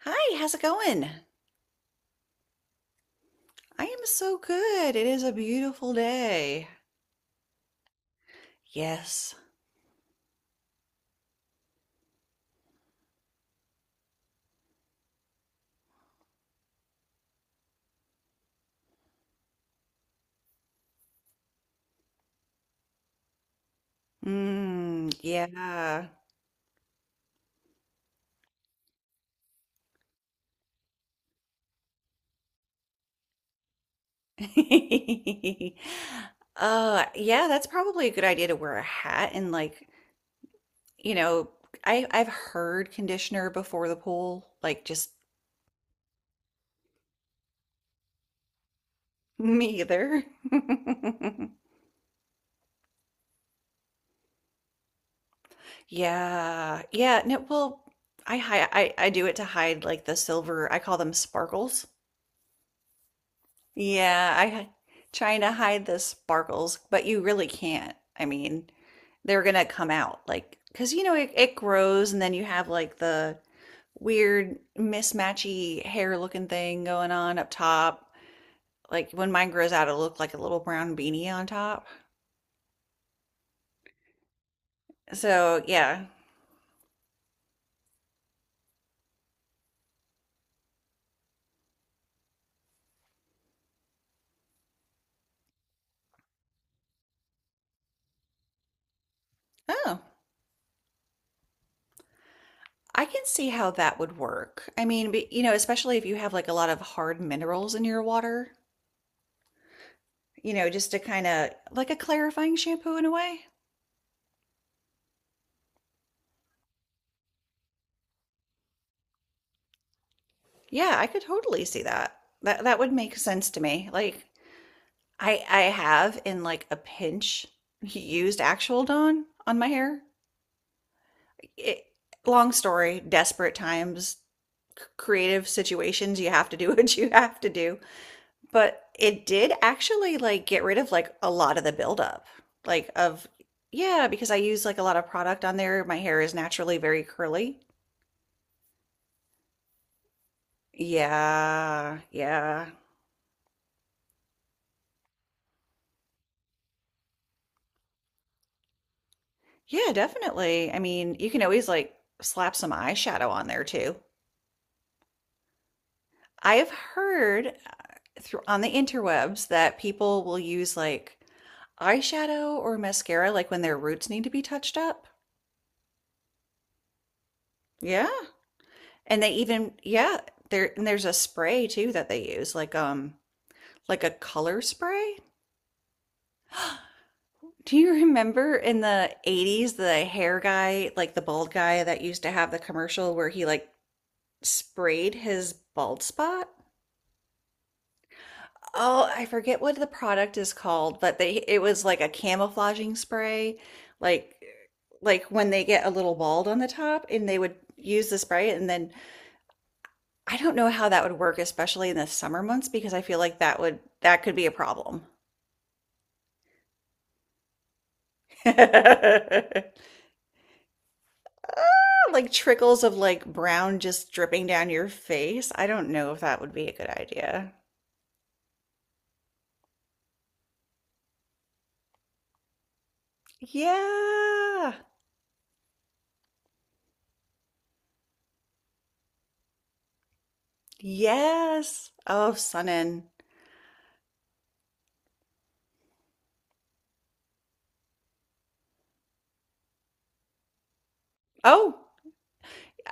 Hi, how's it going? I am so good. It is a beautiful day. Yes. Mm, yeah. Yeah, that's probably a good idea to wear a hat and like, you know, I've heard conditioner before the pool, like just me either. Yeah. No, well, I hi I do it to hide like the silver, I call them sparkles. Yeah, I' trying to hide the sparkles, but you really can't. I mean, they're gonna come out like because you know it grows, and then you have like the weird mismatchy hair looking thing going on up top. Like when mine grows out, it'll look like a little brown beanie on top. So yeah. Oh, I can see how that would work. I mean, but, you know, especially if you have like a lot of hard minerals in your water, you know, just to kind of like a clarifying shampoo in a way. Yeah, I could totally see that. That would make sense to me. Like I have in like a pinch used actual Dawn on my hair. It, long story, desperate times, creative situations, you have to do what you have to do. But it did actually like get rid of like a lot of the buildup. Like of yeah, because I use like a lot of product on there. My hair is naturally very curly. Yeah, yeah. Yeah, definitely. I mean, you can always like slap some eyeshadow on there too. I have heard through on the interwebs that people will use like eyeshadow or mascara like when their roots need to be touched up. Yeah. And they even yeah, there's a spray too that they use like a color spray. Do you remember in the 80s the hair guy, like the bald guy that used to have the commercial where he like sprayed his bald spot? Oh, I forget what the product is called, but they it was like a camouflaging spray, like like when they get a little bald on the top and they would use the spray and then I don't know how that would work, especially in the summer months, because I feel like that would that could be a problem. Ah, like trickles of like brown just dripping down your face. I don't know if that would be a good idea. Yeah. Yes. Oh, sun in. Oh,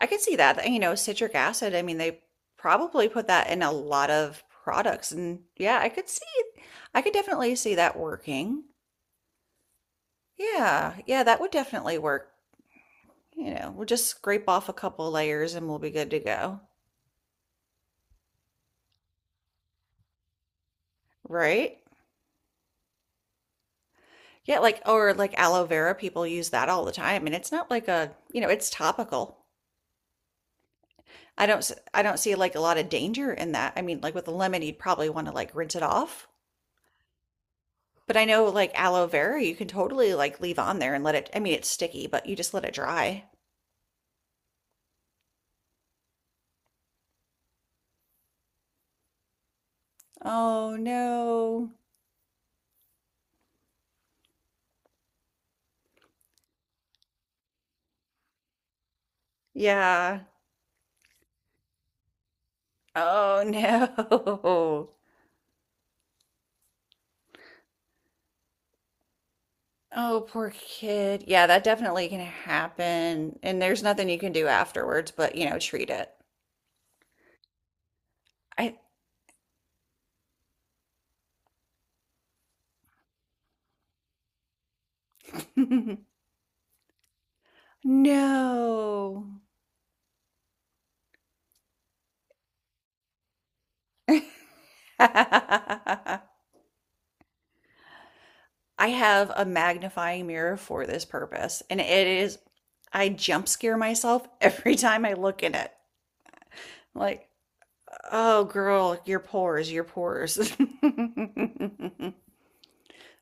I can see that. You know, citric acid, I mean, they probably put that in a lot of products. And yeah, I could see, I could definitely see that working. Yeah, yeah, that would definitely work. You know, we'll just scrape off a couple layers and we'll be good to go. Right? Yeah, like, or like aloe vera, people use that all the time. And it's not like a, you know, it's topical. I don't see like a lot of danger in that. I mean, like with the lemon, you'd probably want to like rinse it off. But I know like aloe vera, you can totally like leave on there and let it, I mean, it's sticky, but you just let it dry. Oh no. Yeah. Oh no. Oh, poor kid. Yeah, that definitely can happen. And there's nothing you can do afterwards, but you know, treat it. I no. I have a magnifying mirror for this purpose, and it is I jump scare myself every time I look in it. Like, oh, girl, your pores, your pores.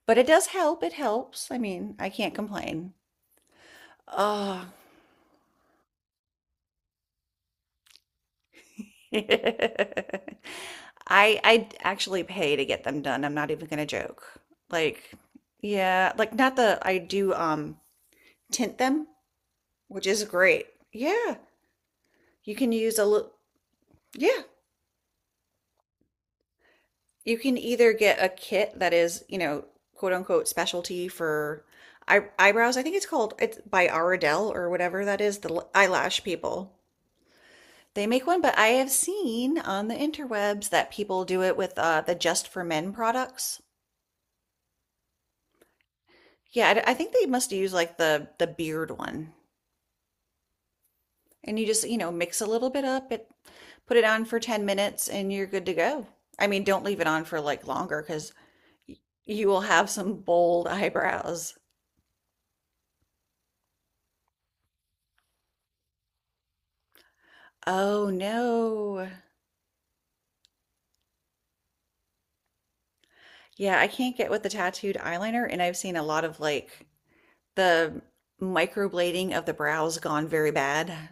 But it does help. It helps. I mean, I can't complain. Oh. I I actually pay to get them done. I'm not even gonna joke. Like, yeah, like not the I do tint them, which is great. Yeah, you can use a little. Yeah, you can either get a kit that is, you know, quote unquote specialty for eyebrows. I think it's called it's by Ardell or whatever that is, the eyelash people. They make one, but I have seen on the interwebs that people do it with the Just for Men products. Yeah, I think they must use like the beard one, and you just you know mix a little bit up, it put it on for 10 minutes, and you're good to go. I mean, don't leave it on for like longer because you will have some bold eyebrows. Oh no. Yeah, I can't get with the tattooed eyeliner, and I've seen a lot of like the microblading of the brows gone very bad.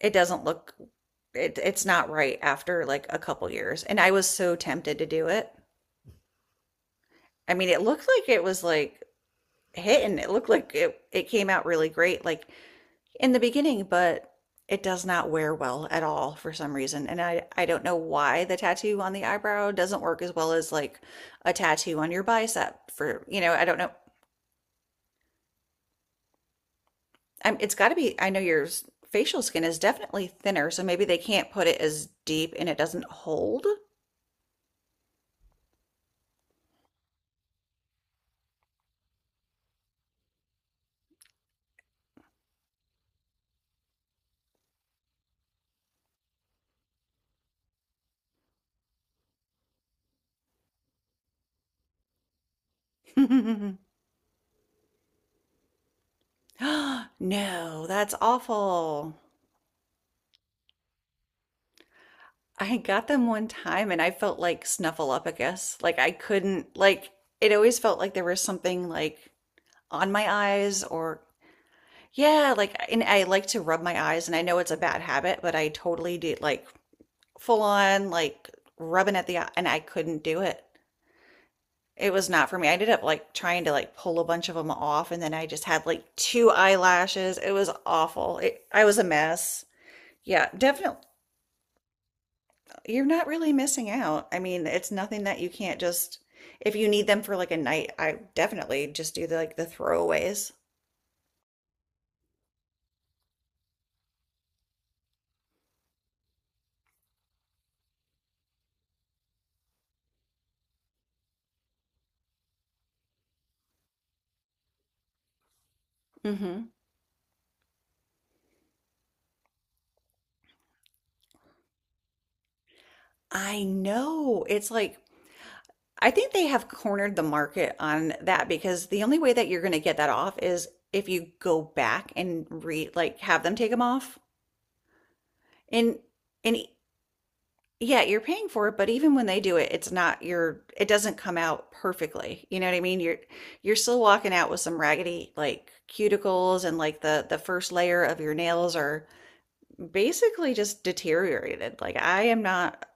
It doesn't look it it's not right after like a couple years. And I was so tempted to do it. I mean, it looked like it was like hitting. It looked like it came out really great like in the beginning, but it does not wear well at all for some reason. And I don't know why the tattoo on the eyebrow doesn't work as well as like a tattoo on your bicep for, you know, I don't know. I'm, it's got to be, I know your facial skin is definitely thinner, so maybe they can't put it as deep and it doesn't hold. No, that's awful. I got them one time and I felt like Snuffleupagus. Like I couldn't, like, it always felt like there was something like on my eyes or yeah, like and I like to rub my eyes and I know it's a bad habit, but I totally did like full on like rubbing at the eye and I couldn't do it. It was not for me. I ended up like trying to like pull a bunch of them off and then I just had like two eyelashes. It was awful. It, I was a mess. Yeah, definitely. You're not really missing out. I mean, it's nothing that you can't just if you need them for like a night, I definitely just do the like the throwaways. Hmm. I know. It's like I think they have cornered the market on that because the only way that you're going to get that off is if you go back and re like have them take them off. And and e- yeah, you're paying for it, but even when they do it, it's not your it doesn't come out perfectly. You know what I mean? You're still walking out with some raggedy like cuticles and like the first layer of your nails are basically just deteriorated. Like I am not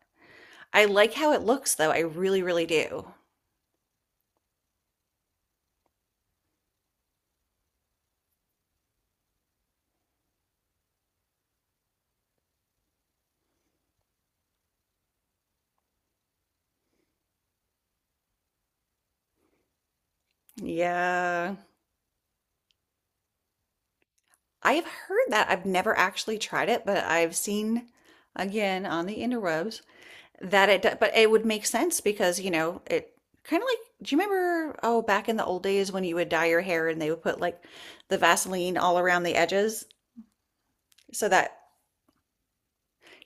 I like how it looks though. I really, really do. Yeah. I have heard that. I've never actually tried it, but I've seen again on the interwebs that it, but it would make sense because, you know, it kind of like, do you remember, oh, back in the old days when you would dye your hair and they would put like the Vaseline all around the edges so that,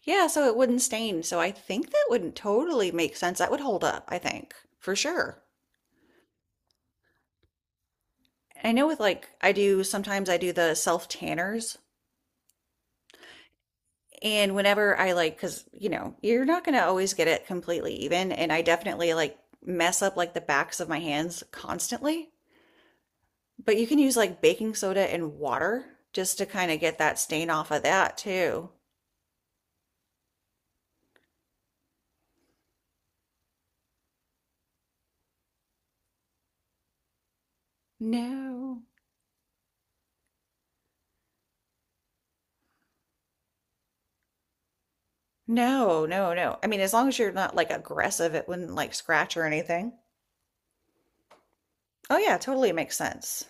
yeah, so it wouldn't stain. So I think that would totally make sense. That would hold up, I think, for sure. I know with like, I do sometimes I do the self tanners. And whenever I like, because you know, you're not going to always get it completely even. And I definitely like mess up like the backs of my hands constantly. But you can use like baking soda and water just to kind of get that stain off of that too. No, no, no, no. I mean, as long as you're not like aggressive, it wouldn't like scratch or anything. Oh, yeah, totally makes sense.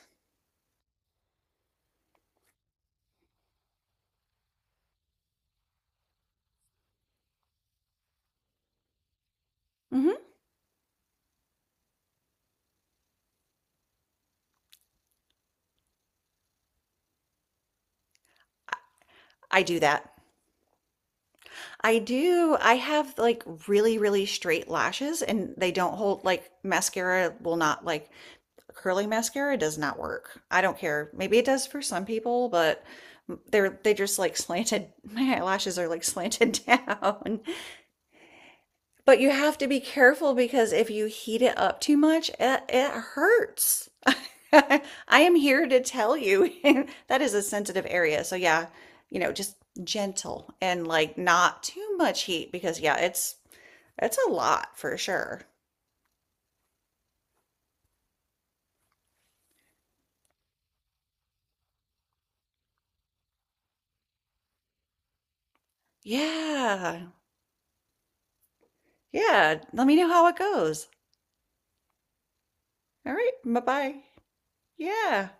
Hmm. I I do that. I do. I have like really, really straight lashes and they don't hold like mascara will not like curling mascara does not work. I don't care. Maybe it does for some people, but they just like slanted my eyelashes are like slanted down. But you have to be careful because if you heat it up too much, it hurts. I am here to tell you that is a sensitive area. So yeah, you know, just gentle and like not too much heat because yeah, it's a lot for sure. Yeah. Yeah, let me know how it goes. All right, bye-bye. Yeah.